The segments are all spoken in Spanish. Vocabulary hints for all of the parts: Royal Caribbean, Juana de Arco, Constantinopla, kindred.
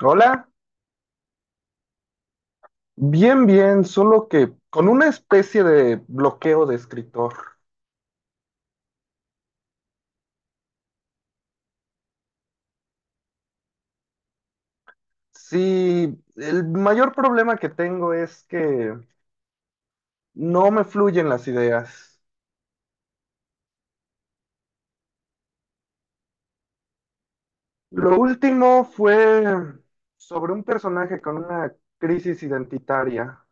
Hola, bien, bien, solo que con una especie de bloqueo de escritor. Sí, el mayor problema que tengo es que no me fluyen las ideas. Lo último fue sobre un personaje con una crisis identitaria.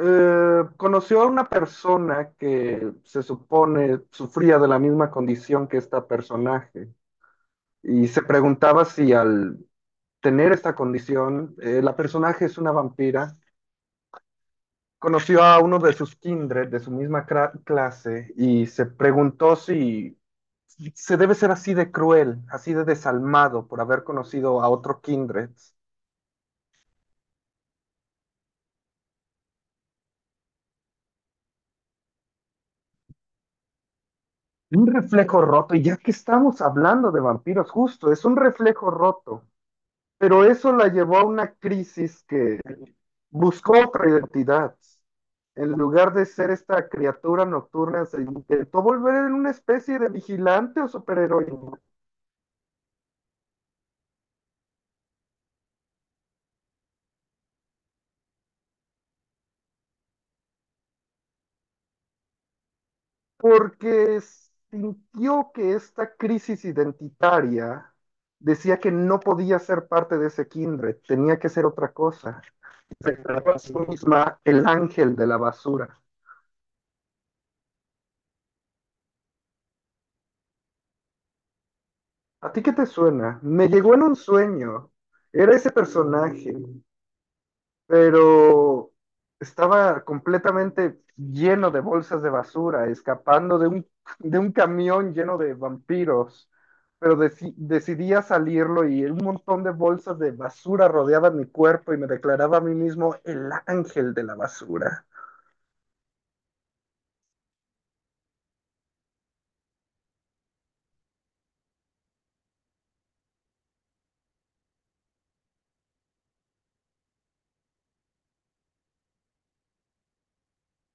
Conoció a una persona que se supone sufría de la misma condición que este personaje y se preguntaba si al tener esta condición. La personaje es una vampira. Conoció a uno de sus kindred, de su misma clase, y se preguntó si se debe ser así de cruel, así de desalmado por haber conocido a otro kindred. Un reflejo roto, y ya que estamos hablando de vampiros, justo, es un reflejo roto, pero eso la llevó a una crisis que buscó otra identidad. En lugar de ser esta criatura nocturna, se intentó volver en una especie de vigilante o superheroína, porque sintió que esta crisis identitaria decía que no podía ser parte de ese kindred, tenía que ser otra cosa. Se declaró a sí misma el ángel de la basura. ¿A ti qué te suena? Me llegó en un sueño. Era ese personaje, pero estaba completamente lleno de bolsas de basura, escapando de un, de un camión lleno de vampiros. Pero decidí a salirlo y un montón de bolsas de basura rodeaban mi cuerpo y me declaraba a mí mismo el ángel de la basura.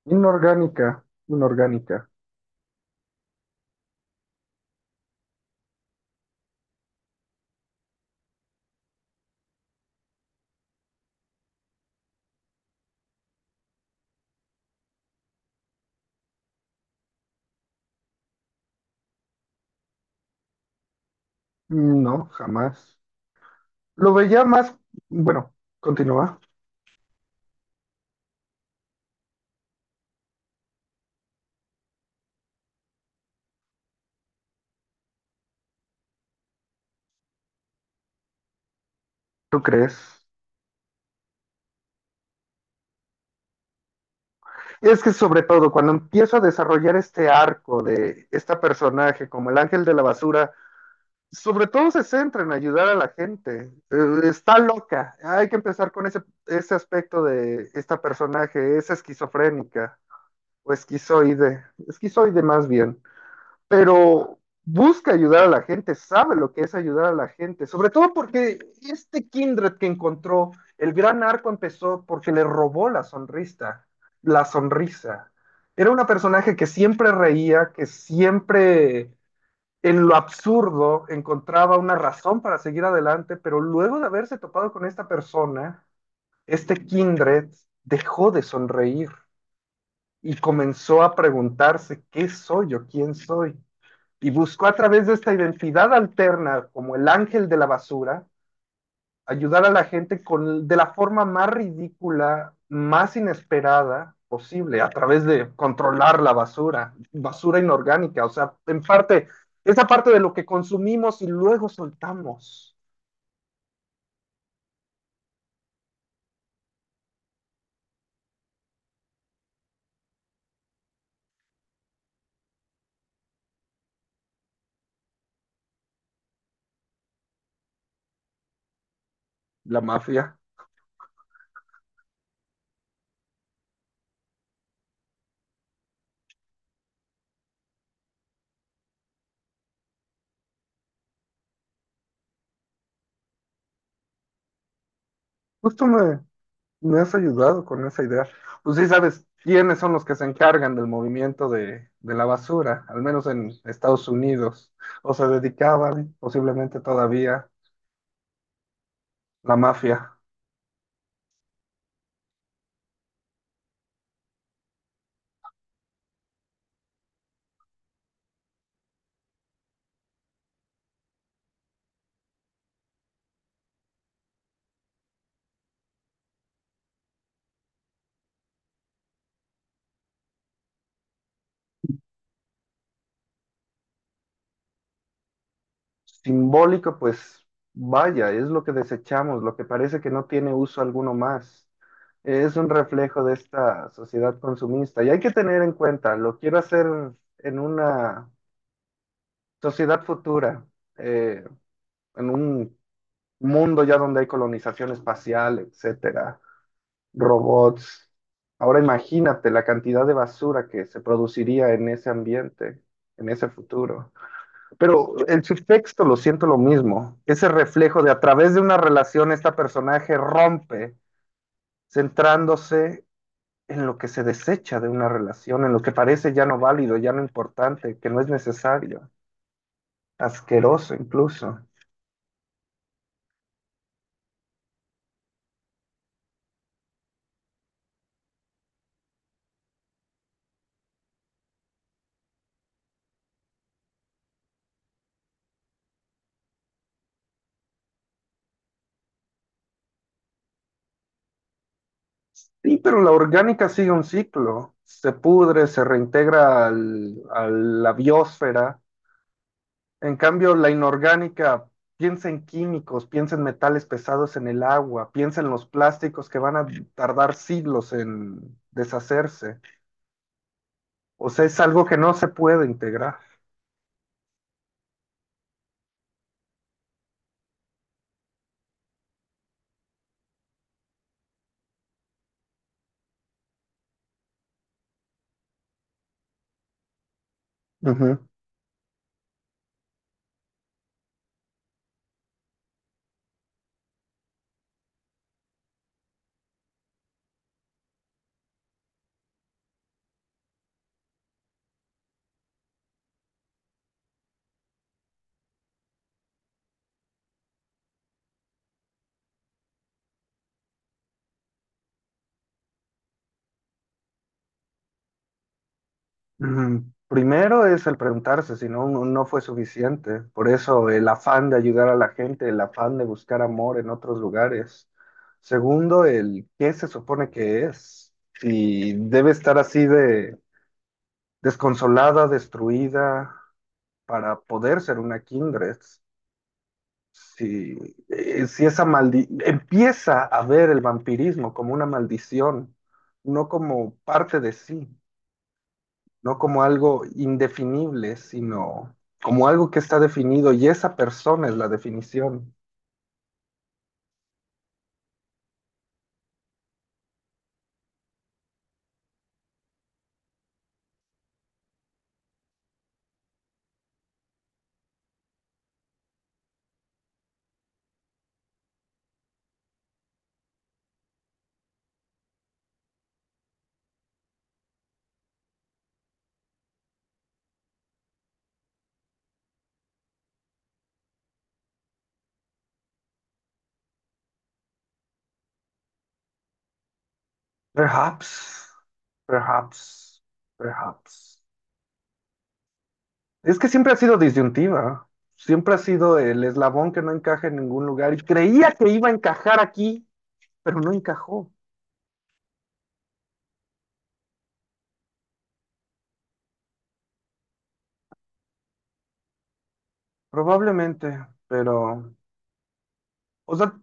Inorgánica, inorgánica. No, jamás. Lo veía más, bueno, continúa. ¿Tú crees? Es que sobre todo cuando empiezo a desarrollar este arco de esta personaje como el ángel de la basura, sobre todo se centra en ayudar a la gente. Está loca. Hay que empezar con ese, ese aspecto de esta personaje. Es esquizofrénica o esquizoide. Esquizoide más bien, pero busca ayudar a la gente, sabe lo que es ayudar a la gente, sobre todo porque este kindred que encontró, el gran arco empezó porque le robó la sonrisa, la sonrisa. Era una personaje que siempre reía, que siempre en lo absurdo encontraba una razón para seguir adelante, pero luego de haberse topado con esta persona, este kindred dejó de sonreír y comenzó a preguntarse, ¿qué soy yo? ¿Quién soy? Y buscó a través de esta identidad alterna como el ángel de la basura ayudar a la gente con, de la forma más ridícula, más inesperada posible, a través de controlar la basura, basura inorgánica, o sea, en parte, esa parte de lo que consumimos y luego soltamos. La mafia. Justo me, me has ayudado con esa idea. Pues sí sabes quiénes son los que se encargan del movimiento de la basura, al menos en Estados Unidos, o se dedicaban, posiblemente todavía, la mafia. Simbólico, pues vaya, es lo que desechamos, lo que parece que no tiene uso alguno más. Es un reflejo de esta sociedad consumista y hay que tener en cuenta, lo quiero hacer en una sociedad futura, eh, en un mundo ya donde hay colonización espacial, etcétera, robots. Ahora imagínate la cantidad de basura que se produciría en ese ambiente, en ese futuro. Pero el subtexto lo siento lo mismo, ese reflejo de a través de una relación esta personaje rompe, centrándose en lo que se desecha de una relación, en lo que parece ya no válido, ya no importante, que no es necesario, asqueroso incluso. Sí, pero la orgánica sigue un ciclo, se pudre, se reintegra a la biosfera. En cambio, la inorgánica piensa en químicos, piensa en metales pesados en el agua, piensa en los plásticos que van a tardar siglos en deshacerse. O sea, es algo que no se puede integrar. Ujú. Primero es el preguntarse si no, no fue suficiente. Por eso el afán de ayudar a la gente, el afán de buscar amor en otros lugares. Segundo, el qué se supone que es. Si debe estar así de desconsolada, destruida, para poder ser una kindred. Si, si esa maldi empieza a ver el vampirismo como una maldición, no como parte de sí, no como algo indefinible, sino como algo que está definido y esa persona es la definición. Perhaps, perhaps, perhaps. Es que siempre ha sido disyuntiva, siempre ha sido el eslabón que no encaja en ningún lugar y creía que iba a encajar aquí, pero no encajó, probablemente, pero, o sea,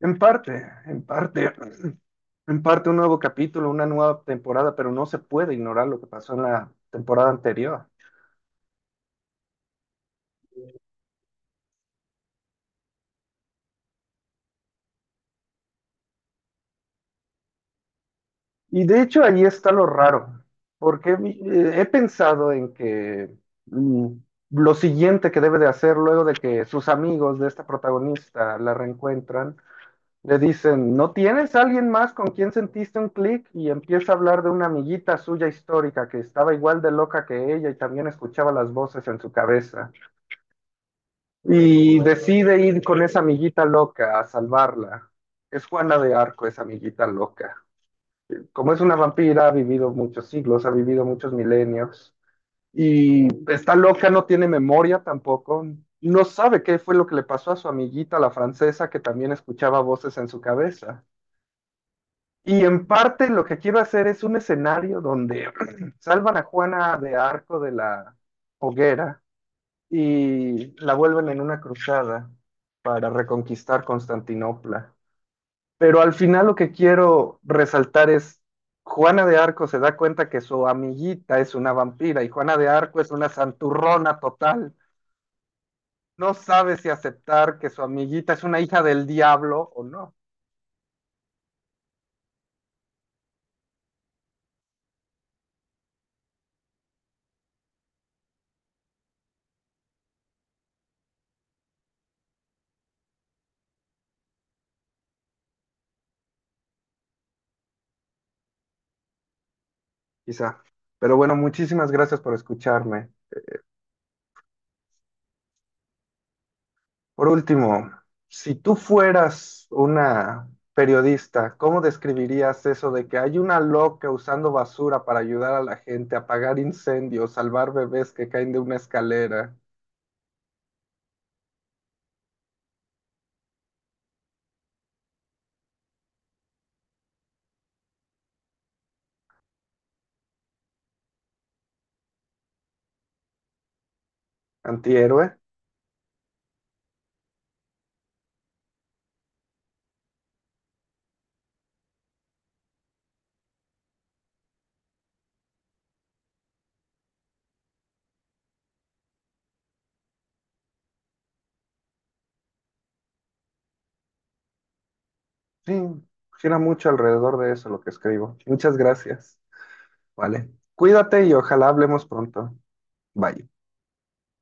en parte, en parte, en parte un nuevo capítulo, una nueva temporada, pero no se puede ignorar lo que pasó en la temporada anterior. Y de hecho ahí está lo raro, porque he pensado en que mm, lo siguiente que debe de hacer luego de que sus amigos de esta protagonista la reencuentran, le dicen, ¿no tienes alguien más con quien sentiste un clic? Y empieza a hablar de una amiguita suya histórica que estaba igual de loca que ella y también escuchaba las voces en su cabeza. Y decide ir con esa amiguita loca a salvarla. Es Juana de Arco, esa amiguita loca, como es una vampira, ha vivido muchos siglos, ha vivido muchos milenios y está loca, no tiene memoria tampoco, no sabe qué fue lo que le pasó a su amiguita, la francesa, que también escuchaba voces en su cabeza. Y en parte lo que quiero hacer es un escenario donde salvan a Juana de Arco de la hoguera y la vuelven en una cruzada para reconquistar Constantinopla. Pero al final lo que quiero resaltar es, Juana de Arco se da cuenta que su amiguita es una vampira y Juana de Arco es una santurrona total. No sabe si aceptar que su amiguita es una hija del diablo o no, quizá. Pero bueno, muchísimas gracias por escucharme. Por último, si tú fueras una periodista, ¿cómo describirías eso de que hay una loca usando basura para ayudar a la gente a apagar incendios, salvar bebés que caen de una escalera? Antihéroe. Sí, gira mucho alrededor de eso lo que escribo. Muchas gracias. Vale. Cuídate y ojalá hablemos pronto. Bye.